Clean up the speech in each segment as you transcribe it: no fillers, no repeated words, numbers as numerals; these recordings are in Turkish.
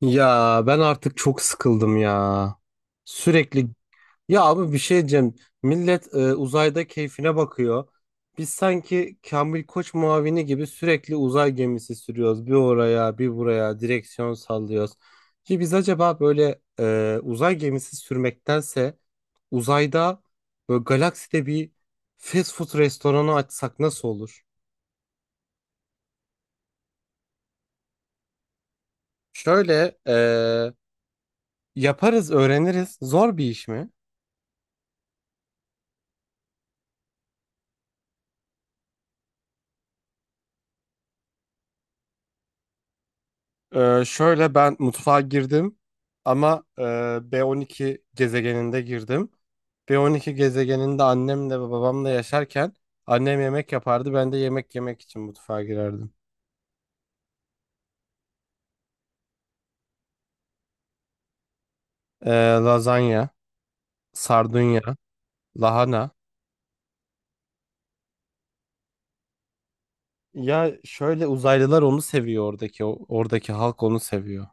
Ya ben artık çok sıkıldım ya. Sürekli ya abi bir şey diyeceğim. Millet uzayda keyfine bakıyor. Biz sanki Kamil Koç muavini gibi sürekli uzay gemisi sürüyoruz. Bir oraya, bir buraya direksiyon sallıyoruz. Ki biz acaba böyle uzay gemisi sürmektense uzayda böyle galakside bir fast food restoranı açsak nasıl olur? Şöyle yaparız, öğreniriz. Zor bir iş mi? Şöyle ben mutfağa girdim ama B12 gezegeninde girdim. B12 gezegeninde annemle ve babamla yaşarken annem yemek yapardı. Ben de yemek yemek için mutfağa girerdim. Ee, Lazanya, sardunya, lahana. Ya şöyle uzaylılar onu seviyor, oradaki halk onu seviyor.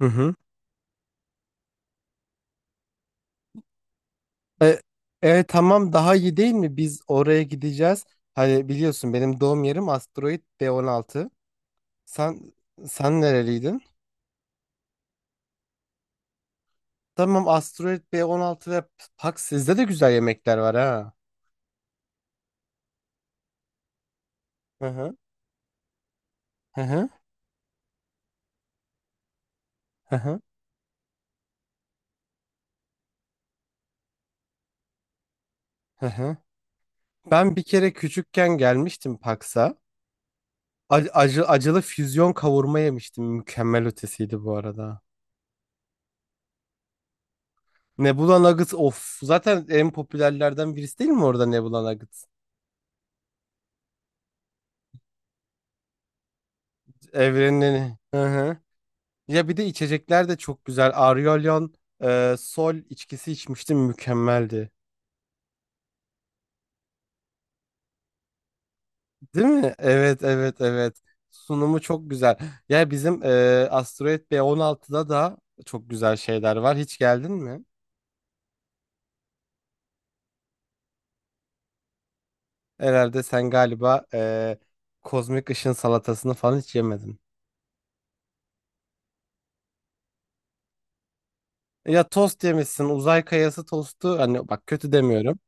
Hı hı. E, tamam, daha iyi değil mi? Biz oraya gideceğiz. Hani biliyorsun benim doğum yerim asteroid B16. Sen sen nereliydin? Tamam, Asteroid B16 ve Pax, sizde de güzel yemekler var ha. Hı hı. Hı hı. Hı hı. Hı hı. Ben bir kere küçükken gelmiştim Pax'a. Acı, acılı füzyon kavurma yemiştim. Mükemmel ötesiydi bu arada. Nebula Nuggets of. Zaten en popülerlerden birisi değil mi orada Nebula Nuggets? Evrenin. Hı hı. Ya bir de içecekler de çok güzel. Aryolyon Sol içkisi içmiştim. Mükemmeldi. Değil mi? Evet, evet, evet. Sunumu çok güzel. Ya bizim Asteroid B16'da da çok güzel şeyler var. Hiç geldin mi? Herhalde sen galiba kozmik ışın salatasını falan hiç yemedin. Ya tost yemişsin. Uzay kayası tostu. Hani bak, kötü demiyorum.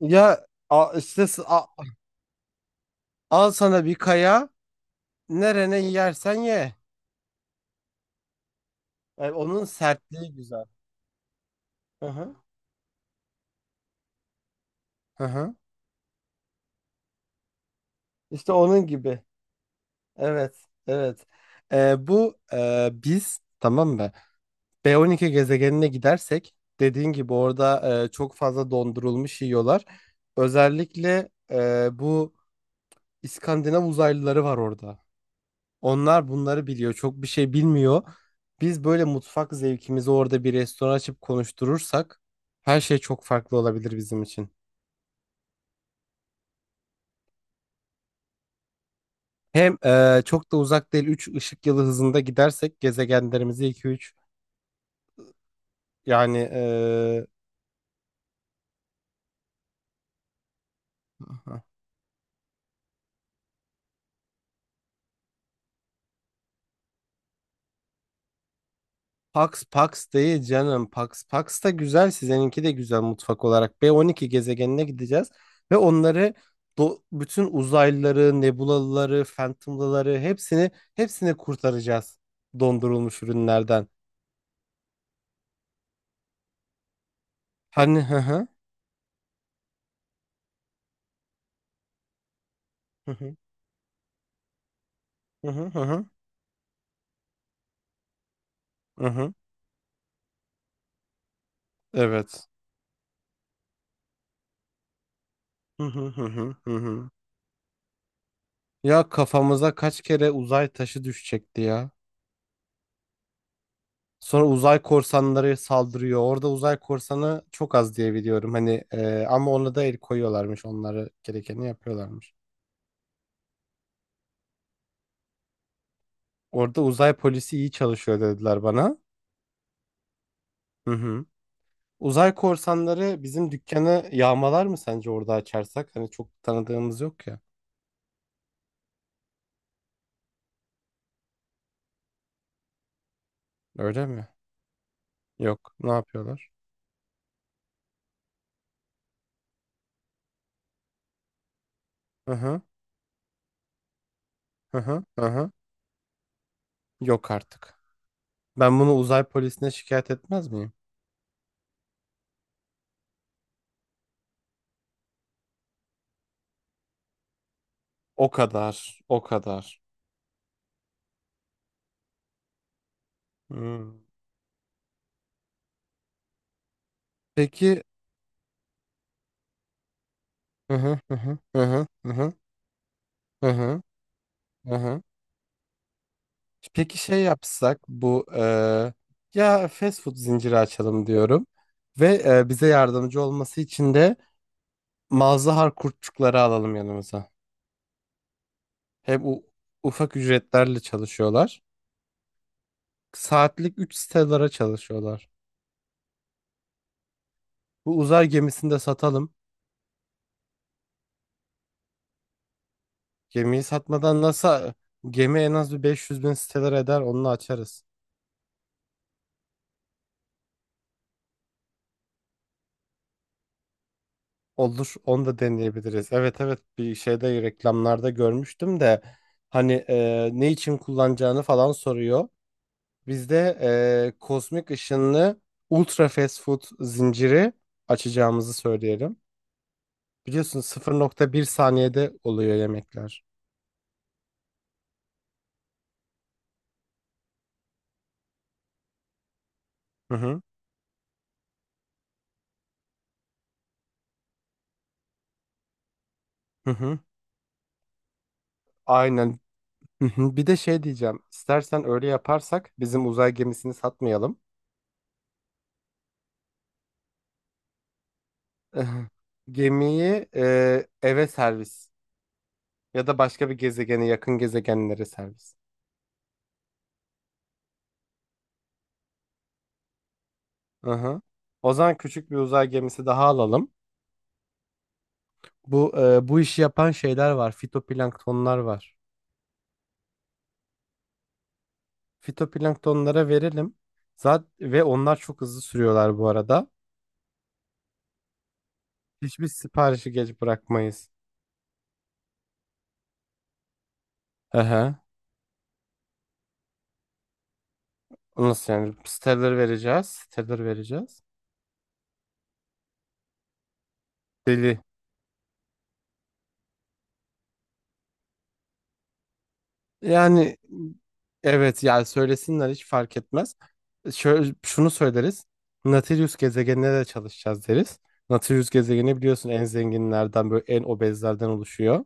Ya işte al sana bir kaya. Nerene yersen ye. Onun sertliği güzel. Hı hı. Hı hı. İşte onun gibi. Evet, evet. Bu, biz tamam mı? B12 gezegenine gidersek, dediğin gibi orada çok fazla dondurulmuş yiyorlar. Özellikle bu İskandinav uzaylıları var orada. Onlar bunları biliyor. Çok bir şey bilmiyor. Biz böyle mutfak zevkimizi orada bir restoran açıp konuşturursak her şey çok farklı olabilir bizim için. Hem çok da uzak değil, 3 ışık yılı hızında gidersek gezegenlerimizi iki üç, yani Pax Pax değil canım. Pax Pax da güzel. Sizininki de güzel mutfak olarak. B12 gezegenine gideceğiz ve onları, bu bütün uzaylıları, nebulalıları, phantom'lıları hepsini hepsini kurtaracağız dondurulmuş ürünlerden. Hani hı hı hı hı hı hı hı hı, hı hı. Evet. Hı hı hı hı hı. Hı. Ya kafamıza kaç kere uzay taşı düşecekti ya. Sonra uzay korsanları saldırıyor. Orada uzay korsanı çok az diye biliyorum. Hani ama ona da el koyuyorlarmış. Onları, gerekeni yapıyorlarmış. Orada uzay polisi iyi çalışıyor dediler bana. Hı hı. Uzay korsanları bizim dükkanı yağmalar mı sence orada açarsak? Hani çok tanıdığımız yok ya. Öyle mi? Yok. Ne yapıyorlar? Hı hı. Hı hı. Hı hı. Yok artık. Ben bunu uzay polisine şikayet etmez miyim? O kadar. O kadar. Hmm. Peki. Hı hı hı hı hı hı. Hı hı. Hı hı, hı hı. Peki şey yapsak, bu ya fast food zinciri açalım diyorum ve bize yardımcı olması için de mazhar kurtçukları alalım yanımıza. Hep ufak ücretlerle çalışıyorlar. Saatlik 3 stelara çalışıyorlar. Bu uzay gemisini de satalım. Gemiyi satmadan nasıl, gemi en az bir 500.000 stelar eder, onu açarız. Olur, onu da deneyebiliriz. Evet, evet, bir şeyde, reklamlarda görmüştüm de, hani ne için kullanacağını falan soruyor. Bizde kozmik ışınlı ultra fast food zinciri açacağımızı söyleyelim. Biliyorsun 0,1 saniyede oluyor yemekler. Hı hı hı hı. Aynen. Hı hı. Bir de şey diyeceğim. İstersen öyle yaparsak bizim uzay gemisini satmayalım. Gemiyi eve servis. Ya da başka bir gezegene, yakın gezegenlere servis. Aha. O zaman küçük bir uzay gemisi daha alalım. Bu bu işi yapan şeyler var. Fitoplanktonlar var. Fitoplanktonlara verelim. Zaten ve onlar çok hızlı sürüyorlar bu arada. Hiçbir siparişi geç bırakmayız. Aha. Nasıl yani? Stellar vereceğiz. Stellar vereceğiz. Deli. Yani evet, yani söylesinler, hiç fark etmez. Şöyle, şunu söyleriz. Nautilus gezegenine de çalışacağız deriz. Nautilus gezegeni biliyorsun en zenginlerden, böyle en obezlerden oluşuyor.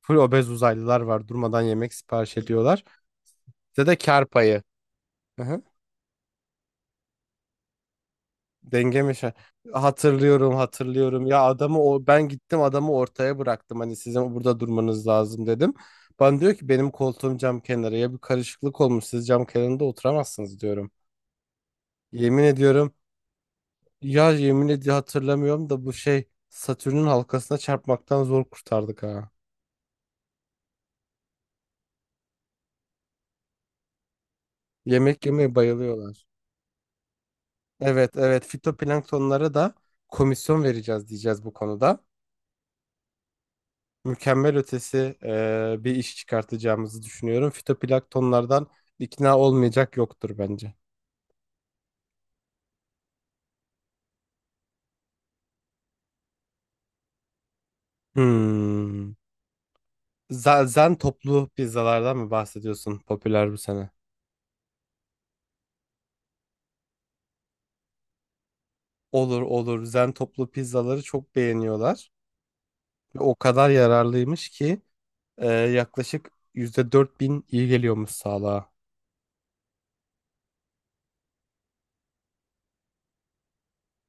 Full obez uzaylılar var, durmadan yemek sipariş ediyorlar. Size de kar payı. Hı hı. Denge mi şey? Hatırlıyorum, hatırlıyorum. Ya adamı o, ben gittim adamı ortaya bıraktım. Hani sizin burada durmanız lazım dedim. Bana diyor ki benim koltuğum cam kenarı. Ya bir karışıklık olmuş, siz cam kenarında oturamazsınız diyorum. Yemin ediyorum, ya yemin ediyorum hatırlamıyorum da, bu şey Satürn'ün halkasına çarpmaktan zor kurtardık ha. Yemek yemeye bayılıyorlar. Evet, evet, fitoplanktonlara da komisyon vereceğiz diyeceğiz bu konuda. Mükemmel ötesi bir iş çıkartacağımızı düşünüyorum. Fitoplanktonlardan ikna olmayacak yoktur bence. Hmm. Zen toplu pizzalardan mı bahsediyorsun, popüler bu sene? Olur, olur. Zen toplu pizzaları çok beğeniyorlar. Ve o kadar yararlıymış ki yaklaşık %4.000 iyi geliyormuş sağlığa.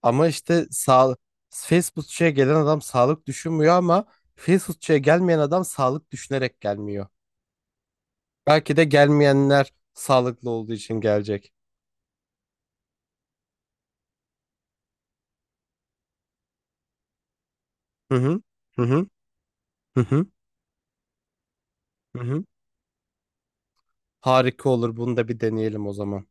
Ama işte fast foodçuya gelen adam sağlık düşünmüyor ama fast foodçuya gelmeyen adam sağlık düşünerek gelmiyor. Belki de gelmeyenler sağlıklı olduğu için gelecek. Hı hı. Hı hı. Hı hı. Hı hı. Harika olur. Bunu da bir deneyelim o zaman.